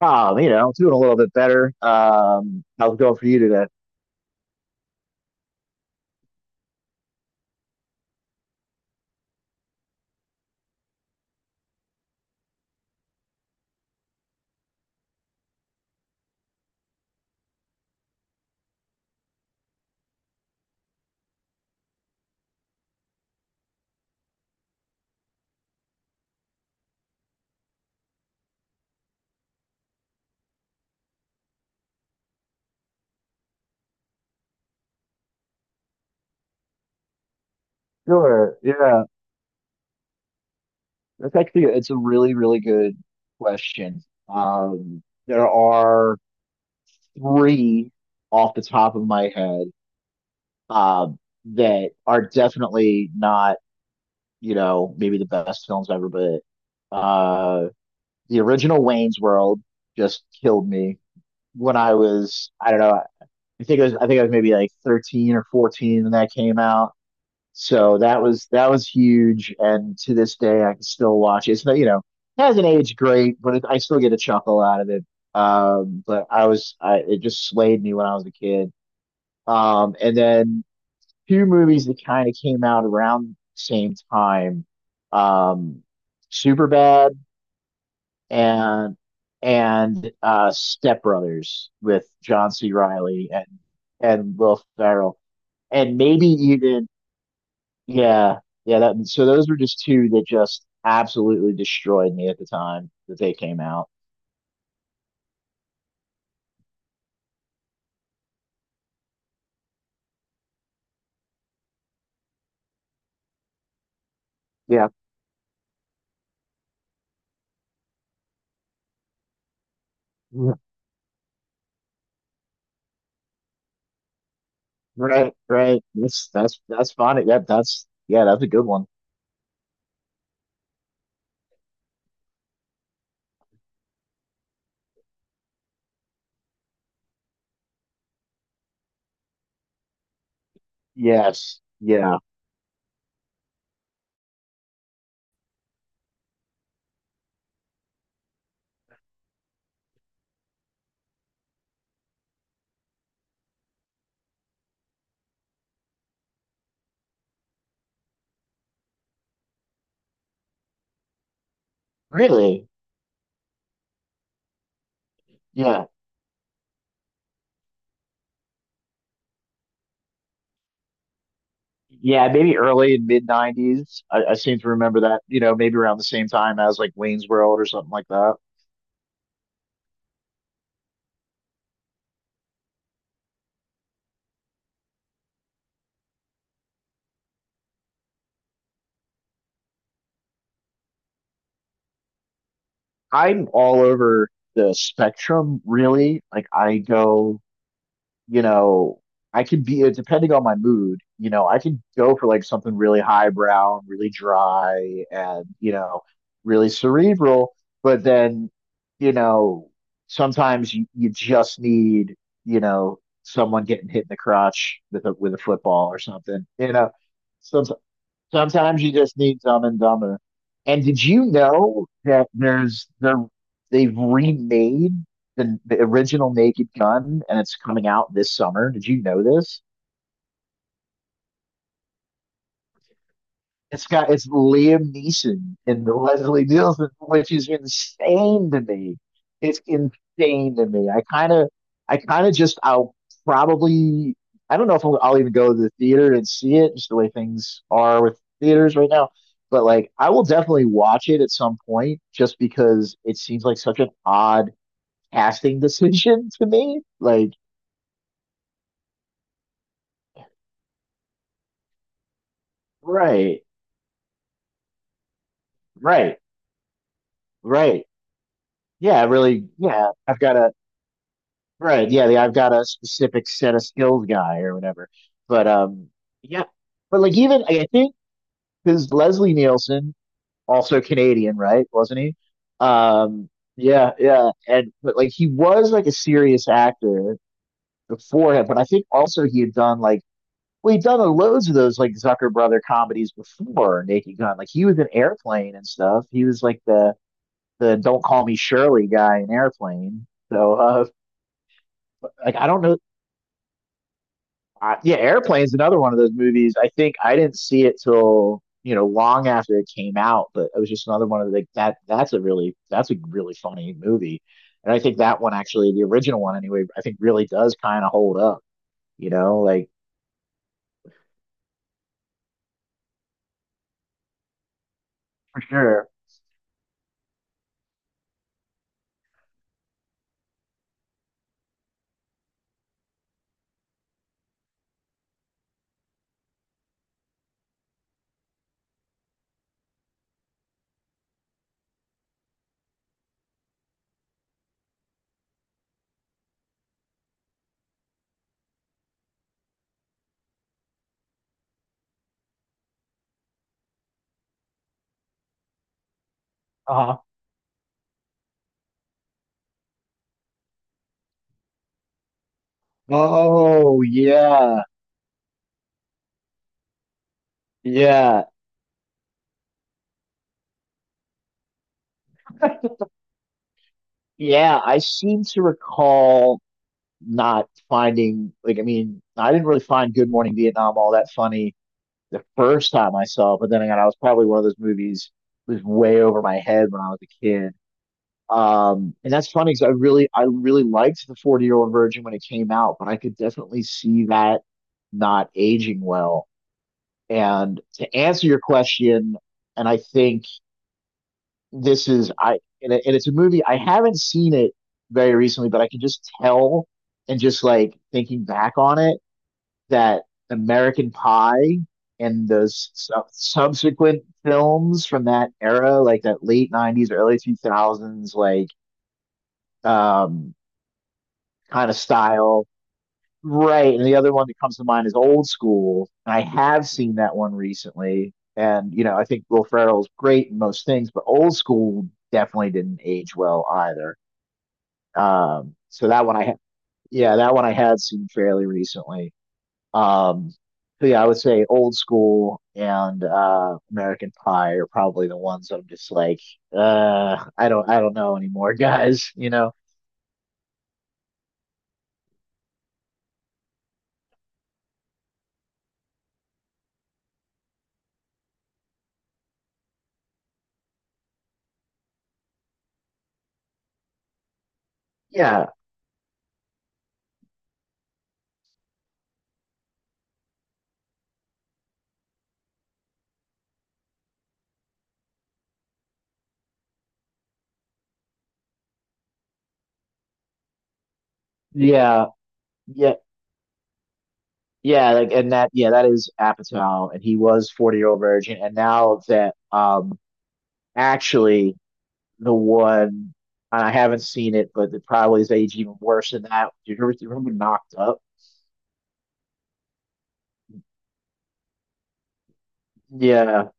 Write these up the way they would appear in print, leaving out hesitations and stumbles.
You know, doing a little bit better. How's it going for you today? Sure. Yeah. That's actually it's a really, really good question. There are three off the top of my head um that are definitely not, you know, maybe the best films ever, but uh the original Wayne's World just killed me when I was, I don't know, I think I was maybe like 13 or 14 when that came out. So that was huge, and to this day I can still watch it. It's not, you know, it hasn't aged great, but it, I still get a chuckle out of it. But I was I it just slayed me when I was a kid. And then two movies that kind of came out around the same time, um, Superbad and Step Brothers with John C. Riley and Will Ferrell, and maybe even yeah, yeah. That so those were just two that just absolutely destroyed me at the time that they came out. Yeah, yeah, right. That's funny. That's yeah, that's a good one. Yes, yeah. Really? Yeah, yeah. Maybe early and mid '90s. I seem to remember that. You know, maybe around the same time as like Wayne's World or something like that. I'm all over the spectrum, really. Like I go. You know, I could be, depending on my mood, you know, I could go for like something really highbrow, and really dry, and, you know, really cerebral. But then, you know, sometimes you just need, you know, someone getting hit in the crotch with a football or something. You know, some sometimes you just need Dumb and Dumber. And did you know that there's they they've remade the original Naked Gun and it's coming out this summer? Did you know this? It's Liam Neeson and Leslie Nielsen, which is insane to me. It's insane to me. I kind of just, I'll probably, I don't know if I'll even go to the theater and see it, just the way things are with theaters right now. But like, I will definitely watch it at some point, just because it seems like such an odd casting decision to me. Like, right, right, right. Yeah, really. Yeah, I've got to. Right. Yeah. I've got a specific set of skills guy or whatever. But yeah. But like even I think because Leslie Nielsen, also Canadian, right? Wasn't he? Um, yeah, yeah. And but like he was like a serious actor beforehand, but I think also he had done like well, he'd done loads of those like Zucker Brother comedies before Naked Gun. Like he was in Airplane and stuff. He was like the Don't Call Me Shirley guy in Airplane. So like I don't know Yeah, Airplane's another one of those movies. I think I didn't see it till you know long after it came out, but it was just another one of the, like that. That's a really funny movie, and I think that one actually, the original one anyway, I think really does kind of hold up. You know, like for sure. Uh-huh. Oh yeah, yeah, yeah. I seem to recall not finding like I mean I didn't really find Good Morning Vietnam all that funny the first time I saw it, but then again, I was probably one of those movies that was way over my head when I was a kid. And that's funny because I really liked the 40-year-old virgin when it came out, but I could definitely see that not aging well. And to answer your question, and I think this is, I, and, it, and it's a movie, I haven't seen it very recently, but I can just tell and just like thinking back on it that American Pie and those subsequent films from that era, like that late 90s, early 2000s, like um, kind of style. Right. And the other one that comes to mind is Old School. And I have seen that one recently. And, you know, I think Will Ferrell's great in most things, but Old School definitely didn't age well either. So that one I ha- yeah, that one I had seen fairly recently. Um, but yeah, I would say Old School and American Pie are probably the ones that I'm just like, I don't know anymore, guys. You know? Yeah, yeah, yeah, yeah. Like, and that, yeah, that is Apatow, and he was 40 Year Old Virgin, and now that, actually, the one and I haven't seen it, but it probably is aged even worse than that. Do you remember Knocked Up? Yeah,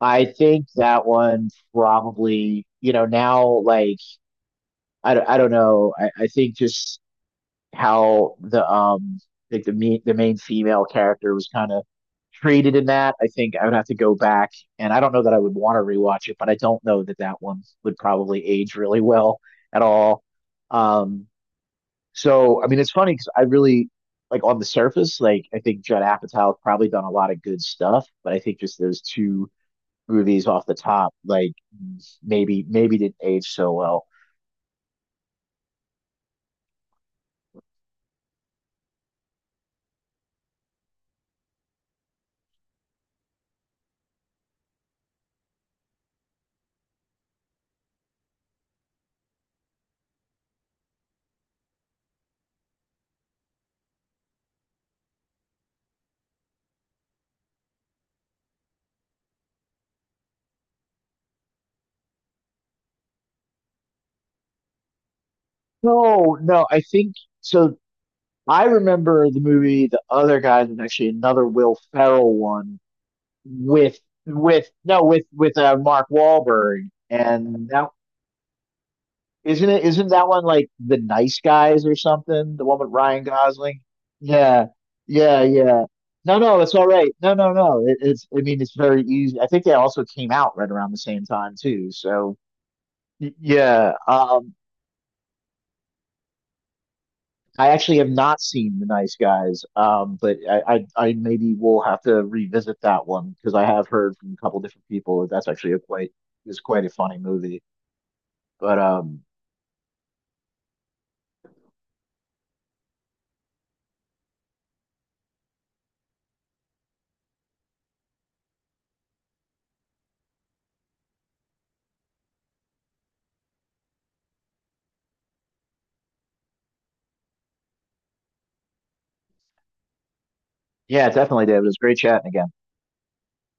I think that one probably, you know, now like I don't know. I think just how the like the main female character was kind of treated in that. I think I would have to go back, and I don't know that I would want to rewatch it, but I don't know that that one would probably age really well at all. Um, so I mean, it's funny because I really like on the surface, like I think Judd Apatow probably done a lot of good stuff, but I think just those two movies off the top, like maybe didn't age so well. No, no, I think so. I remember the movie The Other Guys was actually another Will Ferrell one with with no with with Mark Wahlberg and that isn't it isn't that one like The Nice Guys or something? The one with Ryan Gosling? Yeah. Yeah, yeah. No, no, it's all right. No, no, no. It's I mean it's very easy. I think they also came out right around the same time too. So yeah. I actually have not seen The Nice Guys, but I maybe will have to revisit that one because I have heard from a couple different people that that's actually a quite is quite a funny movie. But yeah, definitely, David. It was great chatting again.